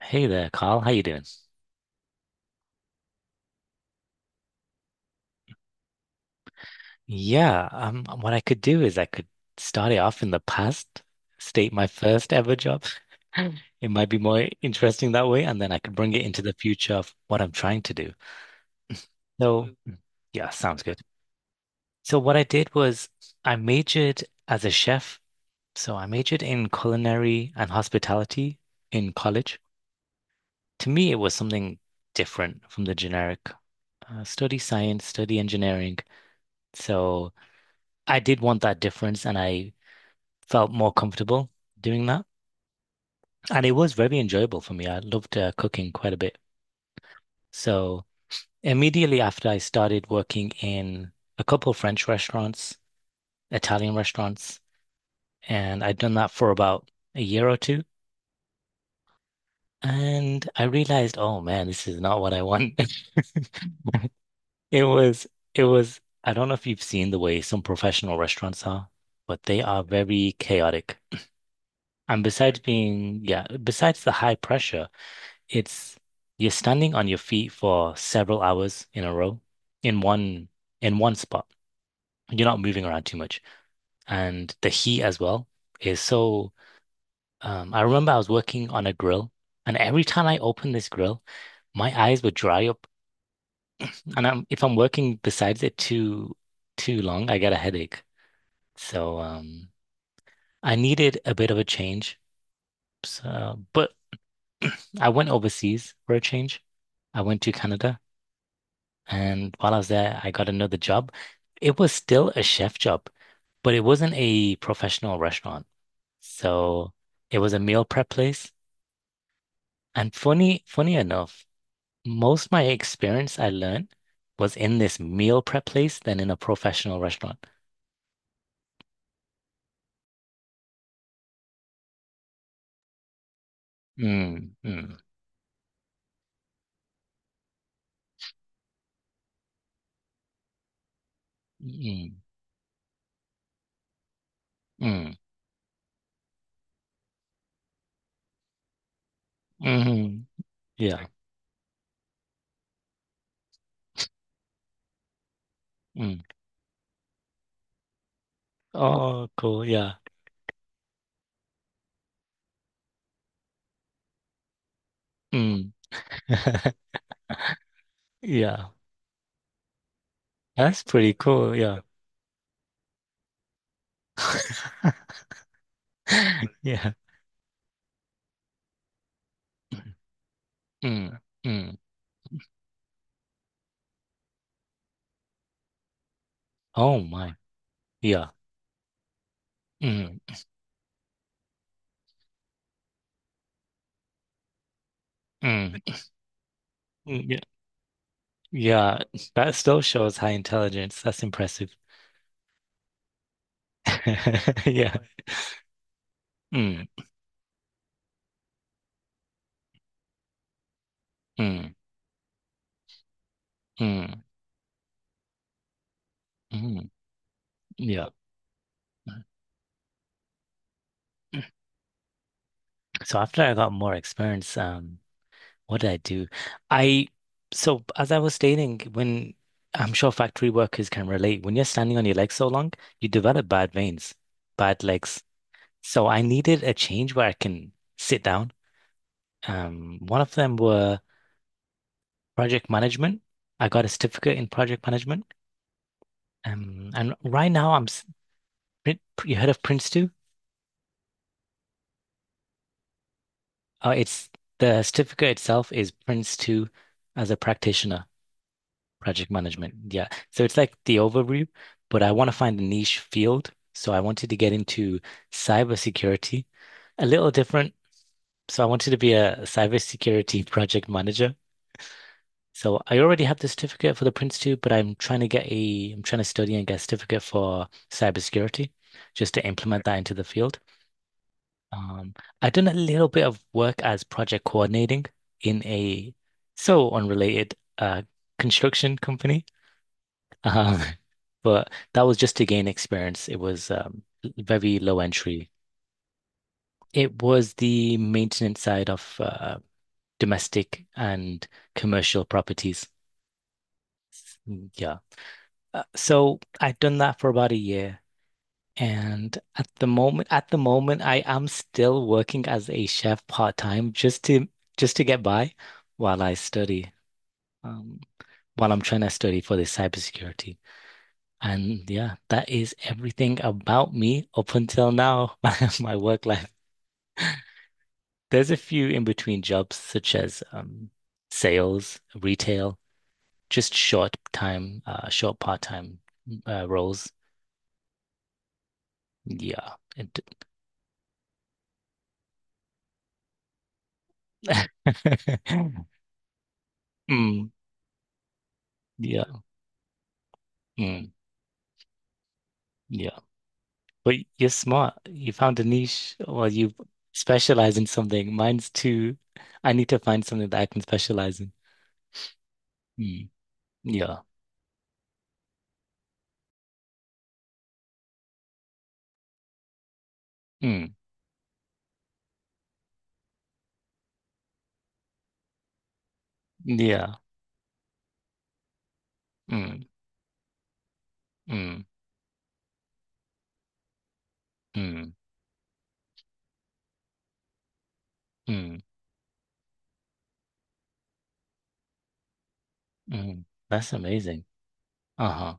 Hey there, Carl. How you doing? Yeah, what I could do is I could start it off in the past, state my first ever job. It might be more interesting that way, and then I could bring it into the future of what I'm trying to do. So, Mm. Yeah, sounds good. So what I did was I majored as a chef. So I majored in culinary and hospitality in college. To me, it was something different from the generic study science, study engineering. So I did want that difference, and I felt more comfortable doing that. And it was very enjoyable for me. I loved cooking quite a bit. So immediately after I started working in a couple of French restaurants, Italian restaurants, and I'd done that for about a year or two. And I realized, oh man, this is not what I want. It was, it was, I don't know if you've seen the way some professional restaurants are, but they are very chaotic. And besides being, yeah, besides the high pressure, It's you're standing on your feet for several hours in a row in one spot. You're not moving around too much. And the heat as well is so I remember I was working on a grill, and every time I opened this grill, my eyes would dry up, and if I'm working besides it too long, I get a headache. So I needed a bit of a change. But I went overseas for a change. I went to Canada. And while I was there, I got another job. It was still a chef job, but it wasn't a professional restaurant. So it was a meal prep place. And funny enough, most of my experience I learned was in this meal prep place than in a professional restaurant. Mm, mm, mm, mm, mm, yeah. Mm. Oh, cool. Yeah. Mm. Yeah. That's pretty cool. Yeah. Yeah. Mm, mm. Oh my. Yeah. Mm, mm, yeah. Yeah. That still shows high intelligence. That's impressive. Yeah. Mm, mm, mm, mm. Yeah. So after I got more experience, what did I do? I so As I was stating, when I'm sure factory workers can relate, when you're standing on your legs so long, you develop bad veins, bad legs. So I needed a change where I can sit down. One of them were project management. I got a certificate in project management. And right now you heard of Prince 2? It's The certificate itself is Prince 2 as a practitioner, project management. Yeah. So it's like the overview, but I want to find a niche field. So I wanted to get into cybersecurity, a little different. So I wanted to be a cybersecurity project manager. So I already have the certificate for the Prince 2, but I'm trying to study and get a certificate for cybersecurity just to implement that into the field. Um, I've done a little bit of work as project coordinating in a unrelated construction company. Um, but that was just to gain experience. It was very low entry. It was the maintenance side of domestic and commercial properties. Yeah. So I've done that for about a year. And at the moment, I am still working as a chef part-time just to get by while I study, um, while I'm trying to study for this cybersecurity. And yeah, that is everything about me up until now, my work life. There's a few in between jobs such as sales, retail, just short time, short part-time roles. Yeah. It, Mm, yeah, mm, yeah. But you're smart. You found a niche or you specialize in something. Mine's too, I need to find something that I can specialize in. Mm, yeah, mm, yeah, mm, mm, mm, mm, mm. That's amazing. Uh-huh.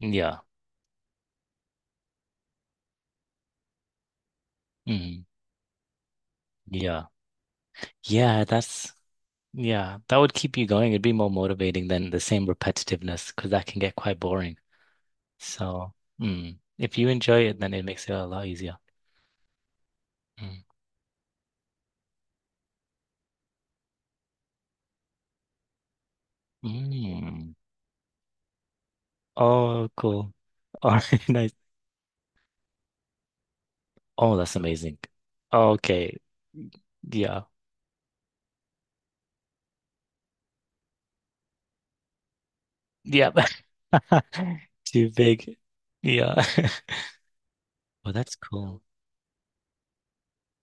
Yeah, mm, yeah, yeah. That's, yeah, that would keep you going. It'd be more motivating than the same repetitiveness because that can get quite boring. So if you enjoy it, then it makes it a lot easier. Mm. Mm. Oh, cool. All right, nice. Oh, that's amazing. Okay. Yeah. Yeah. Too big. Yeah. Well, that's cool.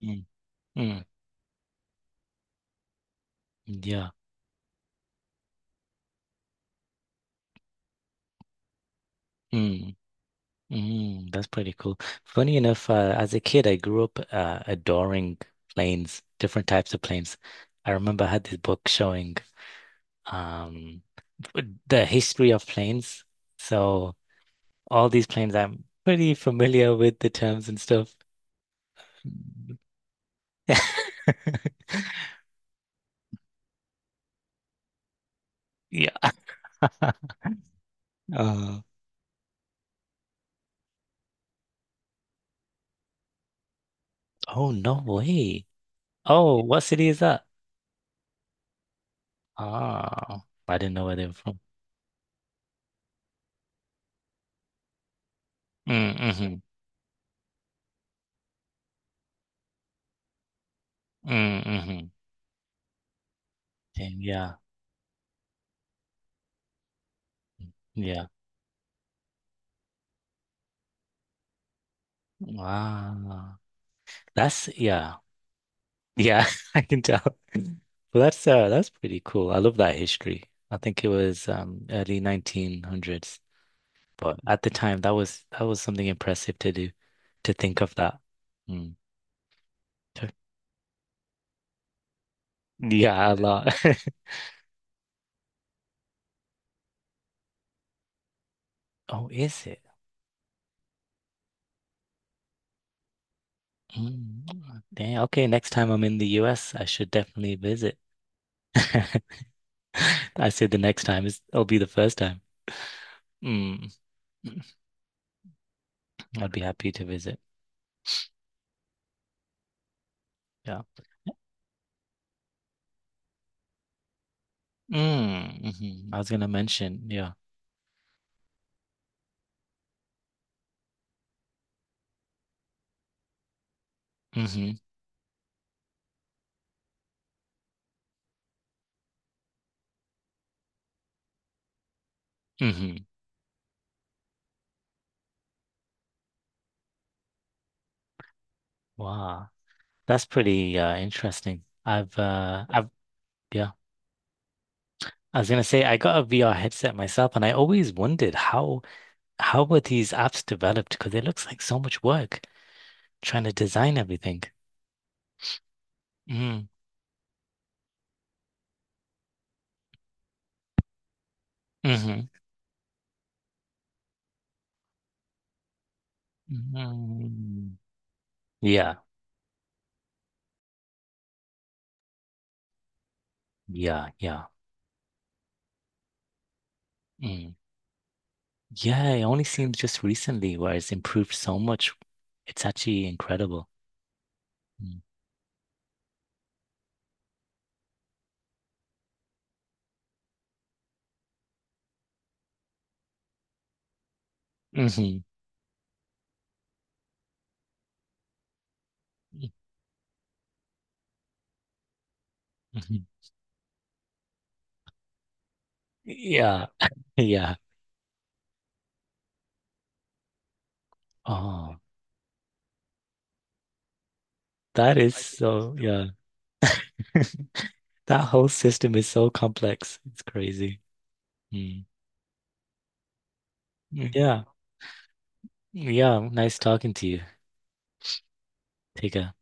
Mm. Mm. Yeah. Mm. Mm. That's pretty cool. Funny enough, as a kid, I grew up adoring planes, different types of planes. I remember I had this book showing um, the history of planes. So all these planes, I'm pretty familiar with the terms and stuff. Yeah. Uh, oh, no way. Oh, what city is that? Ah, I didn't know where they were from. Mm-hmm. Mm-hmm. Yeah. Yeah. Wow. That's yeah. Yeah, I can tell. Well, that's pretty cool. I love that history. I think it was early 1900s. But at the time, that was something impressive to do, to think of that. Mm. Okay. Yeah, a lot. Oh, is it? Mm. Dang, okay, next time I'm in the US, I should definitely visit. I say the next time is it'll be the first time. Mm. Mm. I'd be happy to visit. Yeah. Mm. Hmm. I was gonna mention, yeah. Hmm. Hmm. Wow. That's pretty interesting. I've yeah. I was gonna say I got a VR headset myself, and I always wondered how were these apps developed? Because it looks like so much work trying to design everything. Mm, hmm mm Yeah, yeah. Mm. Yeah, it only seems just recently where it's improved so much. It's actually incredible. Mm. Hmm. Hmm. Yeah, yeah. Oh, yeah. That whole system is so complex. It's crazy. Mm. Yeah. Yeah, nice talking to you. Take care.